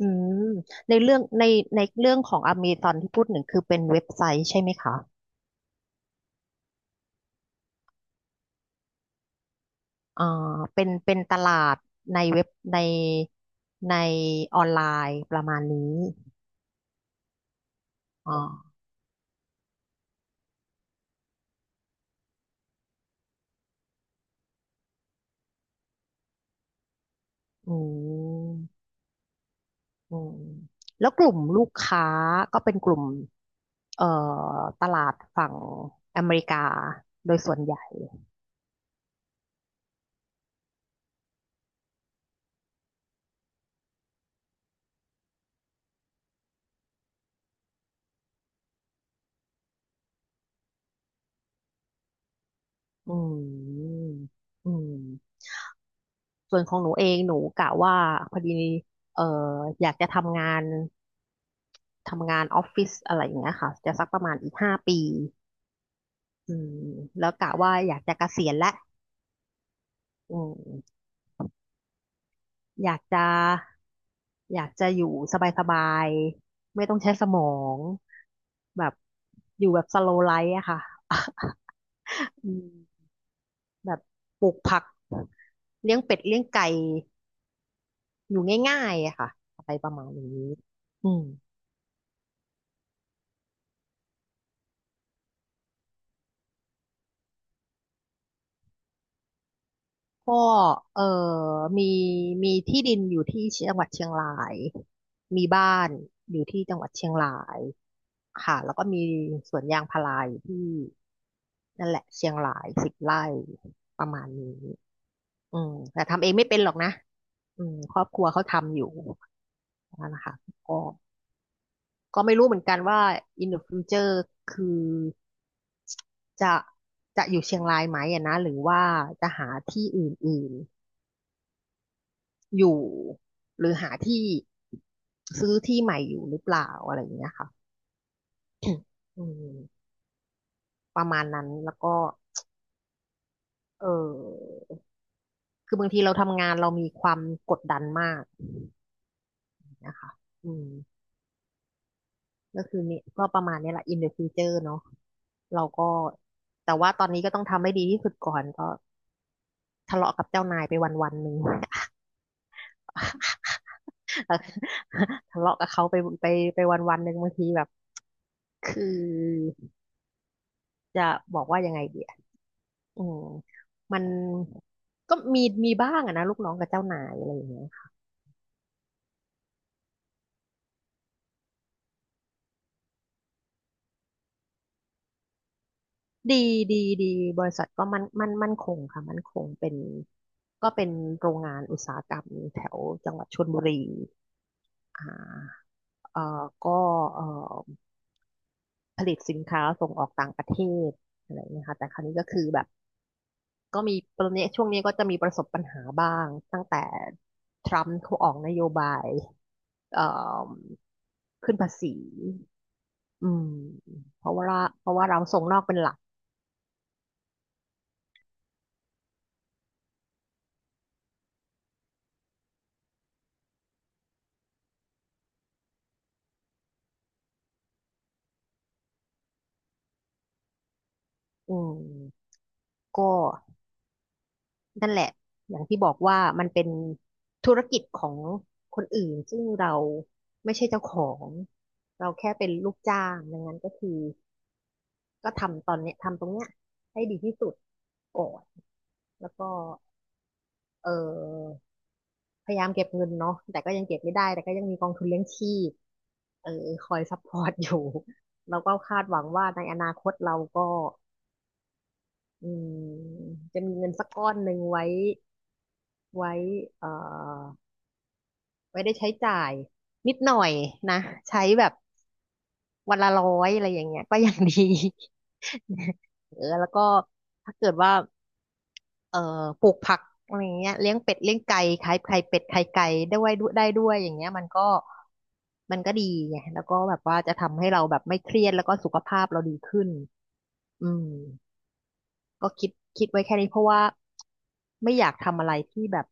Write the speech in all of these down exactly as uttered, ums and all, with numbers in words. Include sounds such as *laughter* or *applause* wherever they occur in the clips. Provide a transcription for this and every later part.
อืมในเรื่องในในเรื่องของอเมซอนที่พูดหนึ่งคือเป็นเว็บไซต์ใช่ไหมคะอ่าเป็นเป็นตลาดในเว็บในในออนไลน์ประมาณนี้อ่าอืมอืมแล้วกลุ่มลูกค้าก็เป็นกลุ่มเอ่อตลาดฝั่งอเมริกาโดยส่วนใหญ่อืมอืมส่วนของหนูเองหนูกะว่าพอดีเอ่ออยากจะทำงาน ทำงานออฟฟิศอะไรอย่างเงี้ยค่ะจะสักประมาณอีกห้าปีอืมแล้วกะว่าอยากจะเกษียณแล้วอืมอยากจะอยากจะอยู่สบายๆไม่ต้องใช้สมองแบบอยู่แบบสโลไลฟ์อะค่ะ *laughs* อืมแบบปลูกผักเลี้ยงเป็ดเลี้ยงไก่อยู่ง่ายๆอะค่ะอะไรประมาณนี้อืม ก็เออมีมีที่ดินอยู่ที่จังหวัดเชียงรายมีบ้านอยู่ที่จังหวัดเชียงรายค่ะแล้วก็มีสวนยางพาราอยู่ที่นั่นแหละเชียงรายสิบไร่ประมาณนี้อืมแต่ทำเองไม่เป็นหรอกนะอืมครอบครัวเขาทำอยู่นั่นนะคะก็ก็ไม่รู้เหมือนกันว่า in the future คือจะจะอยู่เชียงรายไหมอะนะหรือว่าจะหาที่อื่น อยู่หรือหาที่ซื้อที่ใหม่อยู่หรือเปล่าอะไรอย่างเงี้ยค่ะอืมประมาณนั้นแล้วก็เออคือบางทีเราทำงานเรามีความกดดันมากนะคะอืมก็คือนี่ก็ประมาณนี้แหละ in the future เนาะเราก็แต่ว่าตอนนี้ก็ต้องทำให้ดีที่สุดก่อนก็ทะเลาะกับเจ้านายไปวันวันหนึ่ง *laughs* ทะเลาะกับเขาไปไปไปวันวันหนึ่งบางทีแบบคือจะบอกว่ายังไงดี อืมมันก็มีมีบ้างอะนะลูกน้องกับเจ้านายอะไรอย่างเงี้ยค่ะดีดีดีบริษัทก็มันมันมั่นคงค่ะมันคงเป็นก็เป็นโรงงานอุตสาหกรรมแถวจังหวัดชลบุรีอ่าเอ่อก็เอ่อผลิตสินค้าส่งออกต่างประเทศอะไรเงี้ยค่ะแต่คราวนี้ก็คือแบบก็มีตอนนี้ช่วงนี้ก็จะมีประสบปัญหาบ้างตั้งแต่ทรัมป์เขาออกนโยบายเอ่อขึ้นภาษี อืมเพราะว่าเราพราะว่าเราส่งนอกเป็นหลักอืมก็นั่นแหละอย่างที่บอกว่ามันเป็นธุรกิจของคนอื่นซึ่งเราไม่ใช่เจ้าของเราแค่เป็นลูกจ้างดังนั้นก็คือก็ทำตอนเนี้ยทำตรงเนี้ยให้ดีที่สุดก่อนแล้วก็เออพยายามเก็บเงินเนาะแต่ก็ยังเก็บไม่ได้แต่ก็ยังมีกองทุนเลี้ยงชีพเออคอยซัพพอร์ตอยู่ *laughs* แล้วก็คาดหวังว่าในอนาคตเราก็ อืมจะมีเงินสักก้อนหนึ่งไว้ไว้เอ่อไว้ได้ใช้จ่ายนิดหน่อยนะใช้แบบวันละร้อยอะไรอย่างเงี้ยก็ยังดี *laughs* เออแล้วก็ถ้าเกิดว่าเอ่อปลูกผักอะไรอย่างเงี้ยเลี้ยงเป็ดเลี้ยงไก่ขายไข่เป็ดไข่ไก่ได้ไว้ด้วยได้ด้วยอย่างเงี้ยมันก็มันก็ดีไงแล้วก็แบบว่าจะทำให้เราแบบไม่เครียดแล้วก็สุขภาพเราดีขึ้นอืม ก็คิดคิดไว้แค่นี้เพราะว่าไม่อยากทำอะไรที่แบบ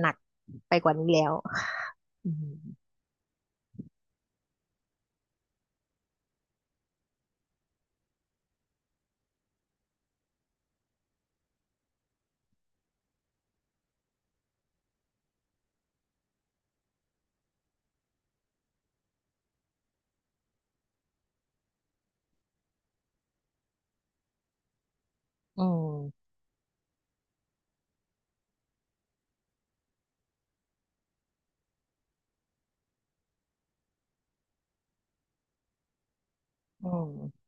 หนักไปกว่านี้แล้วอืมอืมอืม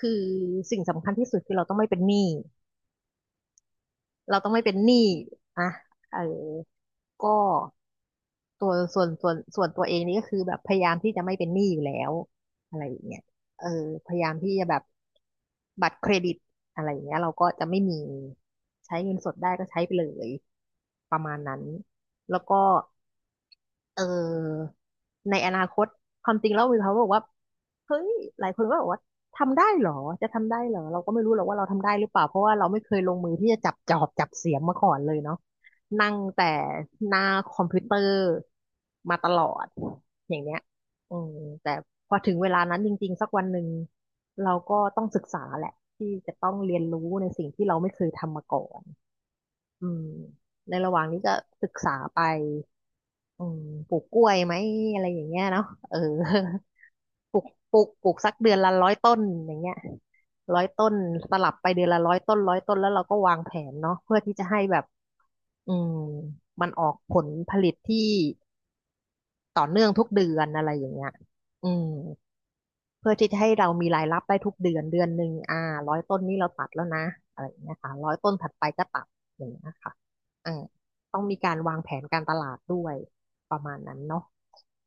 คือสิ่งสำคัญที่สุดคือเราต้องไม่เป็นหนี้เราต้องไม่เป็นหนี้อ่ะเออก็ตัวส่วนส่วนส่วนตัวเองนี่ก็คือแบบพยายามที่จะไม่เป็นหนี้อยู่แล้วอะไรอย่างเงี้ยเออพยายามที่จะแบบบัตรเครดิตอะไรอย่างเงี้ยเราก็จะไม่มีใช้เงินสดได้ก็ใช้ไปเลยประมาณนั้นแล้วก็ เออในอนาคตความจริงแล้วมีเขาบอกว่าเฮ้ยหลายคนก็บอกว่าทำได้เหรอจะทำได้เหรอเราก็ไม่รู้หรอกว่าเราทำได้หรือเปล่าเพราะว่าเราไม่เคยลงมือที่จะจับจอบจับเสียมมาก่อนเลยเนาะนั่งแต่หน้าคอมพิวเตอร์มาตลอดอย่างเนี้ยอืมแต่พอถึงเวลานั้นจริงๆสักวันหนึ่งเราก็ต้องศึกษาแหละที่จะต้องเรียนรู้ในสิ่งที่เราไม่เคยทำมาก่อนอืมในระหว่างนี้ก็ศึกษาไป อืมปลูกกล้วยไหมอะไรอย่างเงี้ยเนาะเออ *laughs* ปลูกปลูกปลูกสักเดือนละร้อยต้นอย่างเงี้ยร้อยต้นสลับไปเดือนละร้อยต้นร้อยต้นแล้วเราก็วางแผนเนาะเพื่อที่จะให้แบบอืมมันออกผลผลิตที่ต่อเนื่องทุกเดือนอะไรอย่างเงี้ยอืมเพื่อที่จะให้เรามีรายรับได้ทุกเดือนเดือนหนึ่งอ่าร้อยต้นนี้เราตัดแล้วนะอะไรอย่างเงี้ยค่ะร้อยต้นถัดไปก็ตัดอย่างเงี้ยค่ะอ่าต้องมีการวางแผนการตลาดด้วยประมาณนั้นเนาะ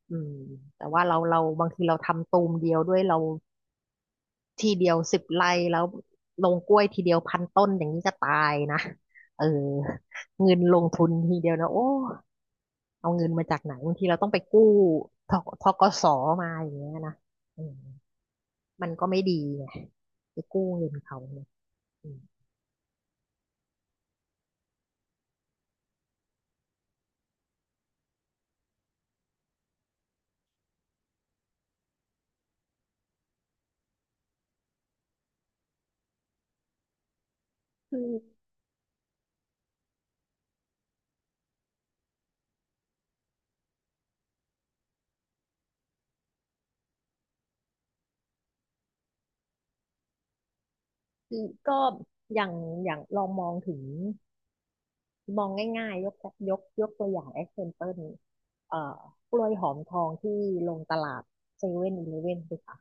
อืมแต่ว่าเราเราบางทีเราทำตูมเดียวด้วยเราทีเดียวสิบไร่แล้วลงกล้วยทีเดียวพันต้นอย่างนี้จะตายนะเออเงินลงทุนทีเดียวนะโอ้เอาเงินมาจากไหนบางทีเราต้องไปกู้ทธกสมาอย่างเงี้ยนะอืมมันก็ไม่ดีไงไปกู้เงินเขาเนี่ยอืมคือก็อย่างอย่างลองมองถึง มองง่ายๆ ยกยกยกตัวอย่าง example เอ่อกล้วยหอมทองที่ลงตลาดเซเว่นอีเลฟเว่นสิคะ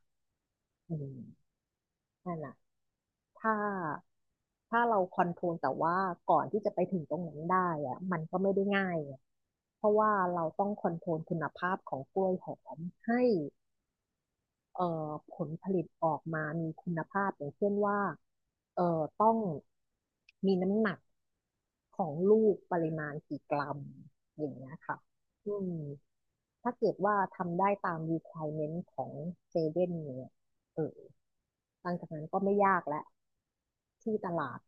อืมนั่นน่ะถ้าถ้าเราคอนโทรลแต่ว่าก่อนที่จะไปถึงตรงนั้นได้อะมันก็ไม่ได้ง่ายไงเพราะว่าเราต้องคอนโทรลคุณภาพของกล้วยหอมให้ เอ่อผลผลิตออกมามีคุณภาพอย่างเช่นว่าเอ่อต้องมีน้ำหนักของลูกปริมาณกี่กรัมอย่างเงี้ยค่ะอืมถ้าเกิดว่าทำได้ตาม requirement ของเซเว่นเนี่ยเออหลังจากนั้นก็ไม่ยากแล้วที่ตลาด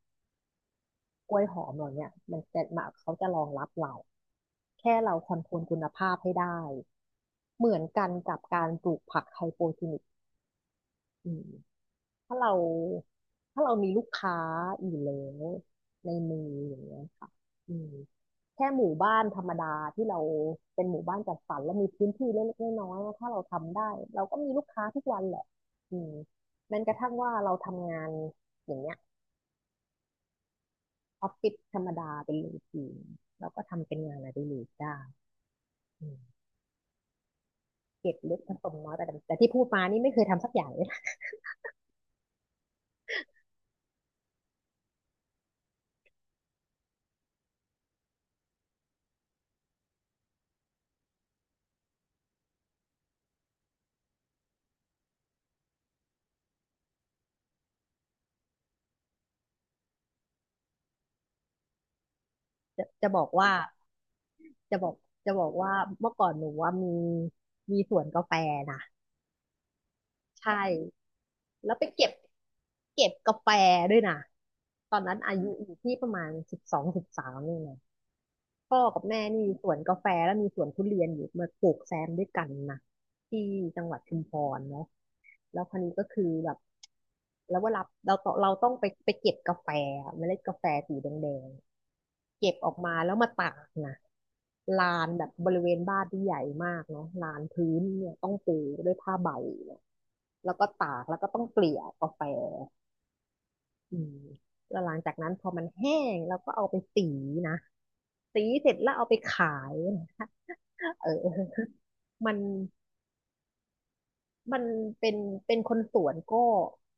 กล้วยหอมเราเนี่ยมันจะมาเขาจะรองรับเราแค่เราคอนโทรลคุณภาพให้ได้เหมือนกันกับการปลูกผักไฮโปรจีนิกอืม ถ้าเราถ้าเรามีลูกค้าอยู่แล้วในมืออย่างเงี้ยค่ะอืมแค่หมู่บ้านธรรมดาที่เราเป็นหมู่บ้านจัดสรรแล้วมีพื้นที่เล็กๆน้อยๆนะถ้าเราทำได้เราก็มีลูกค้าทุกวันแหละอืมแม้กระทั่งว่าเราทำงานอย่างเงี้ยออฟฟิศธรรมดาเป็นรูทีนเราก็ทำเป็นงานอดิเรกได้อืมเก็บเล็กผสมน้อยแต่แต่ที่พูดมานี่ไม่เคยทำสักอย่างเลยนะจะจะบอกว่า จะบอกจะบอกว่าเมื่อก่อนหนูว่ามีมีสวนกาแฟนะใช่แล้วไปเก็บเก็บกาแฟด้วยนะตอนนั้นอายุอยู่ที่ประมาณสิบสองสิบสามนี่ไง พ่อกับแม่นี่มีสวนกาแฟแล้วมีสวนทุเรียนอยู่มาปลูกแซมด้วยกันนะที่จังหวัดชุมพรเนาะแล้วคราวนี้ก็คือแบบแล้วเวลาเราต้องเราต้องไปไปเก็บกาแฟอะเมล็ดกาแฟสีแดงๆเก็บออกมาแล้วมาตากนะลานแบบบริเวณบ้านที่ใหญ่มากเนาะลานพื้นเนี่ยต้องปูด้วยผ้าใบเนี่ยแล้วก็ตากแล้วก็ต้องเกลี่ยกาแฟอืมแล้วหลังจากนั้นพอมันแห้งเราก็เอาไปสีนะสีเสร็จแล้วเอาไปขาย เออ *laughs* มันมันเป็นเป็นคนสวนก็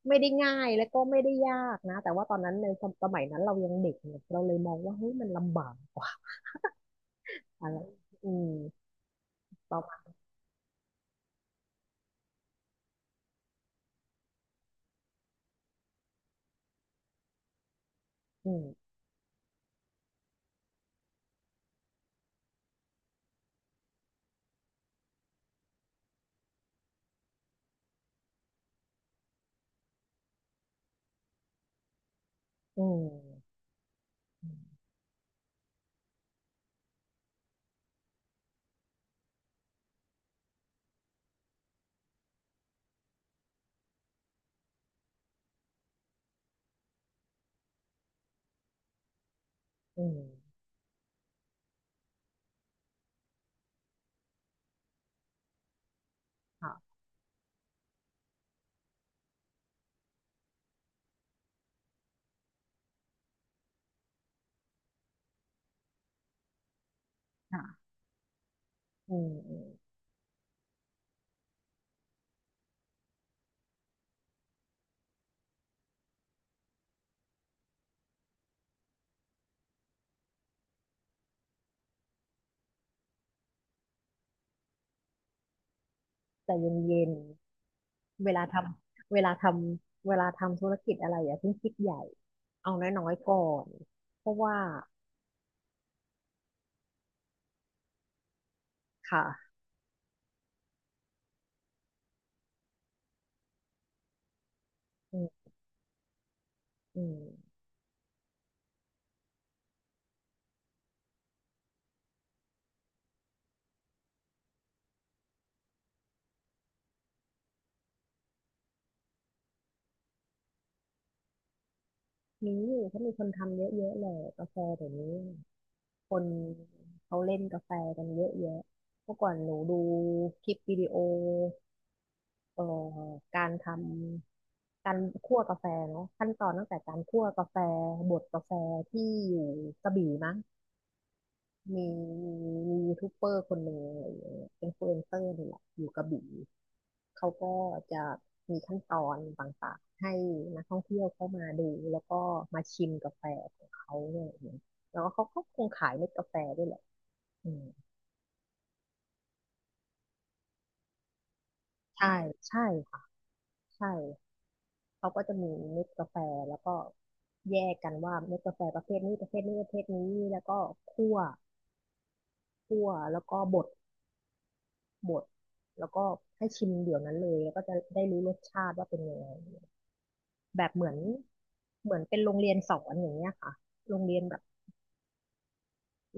ไม่ได้ง่ายและก็ไม่ได้ยากนะแต่ว่าตอนนั้นในสมสมัยนั้นเรายังเด็กเนี่ยเราเลยมองว่าเฮ้ยมันลำบากกว่าอะไรอืมประมาณอืมอืมอืมอืมค่ะค่ะอืมอืมแต่เย็นเย็นเวลาทำเวลาทำเวลาทำธุรกิจอะไรอย่าเพิ่งคิดใหญ่เอาน้อยๆก่อนเพราะว่าค่ะอืมอืมมีเขามีคนทำเยอะๆเลยกาแฟเดี๋ยวนี้ คนเขาเล่นกาแฟกันเยอะแยะเมื่อก่อนหนูดูคลิปวิดีโอเอ่อการทำการคั่วกาแฟเนาะขั้นตอนตั้งแต่การคั่วกาแฟบดกาแฟที่อยู่กระบี่มั้งมีมีมียูทูบเบอร์คนหนึ่งอะไรอย่างเงี้ยเป็นอินฟลูเอนเซอร์นี่แหละอยู่กระบี่เขาก็จะมีขั้นตอนต่างๆให้นักท่องเที่ยวเข้ามาดูแล้วก็มาชิมกาแฟของเขาเนี่ยอย่างเงี้ยแล้วก็เขาก็คงขายเม็ดกาแฟด้วยแหละอืม ใช่ใช่ค่ะใช่เขาก็จะมีเม็ดกาแฟแล้วก็แยกกันว่าเม็ดกาแฟประเภทนี้ประเภทนี้ประเภทนี้แล้วก็คั่วคั่วแล้วก็บดบดแล้วก็ให้ชิมเดี๋ยวนั้นเลยแล้วก็จะได้รู้รสชาติว่าเป็นยังไงแบบเหมือนเหมือนเป็นโรงเรียนสอนอย่างเงี้ยค่ะโรงเรียนแบบอื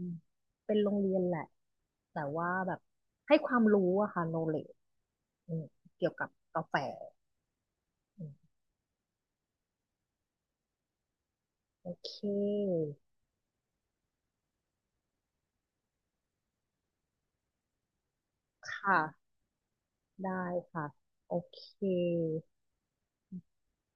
มเป็นโรงเรียนแหละแต่ว่าแบบให้ความรู้อะค่ะ knowledge อืมเกี่ยวกับกาแฟอืมโอเคค่ะ ได้ค่ะโอเค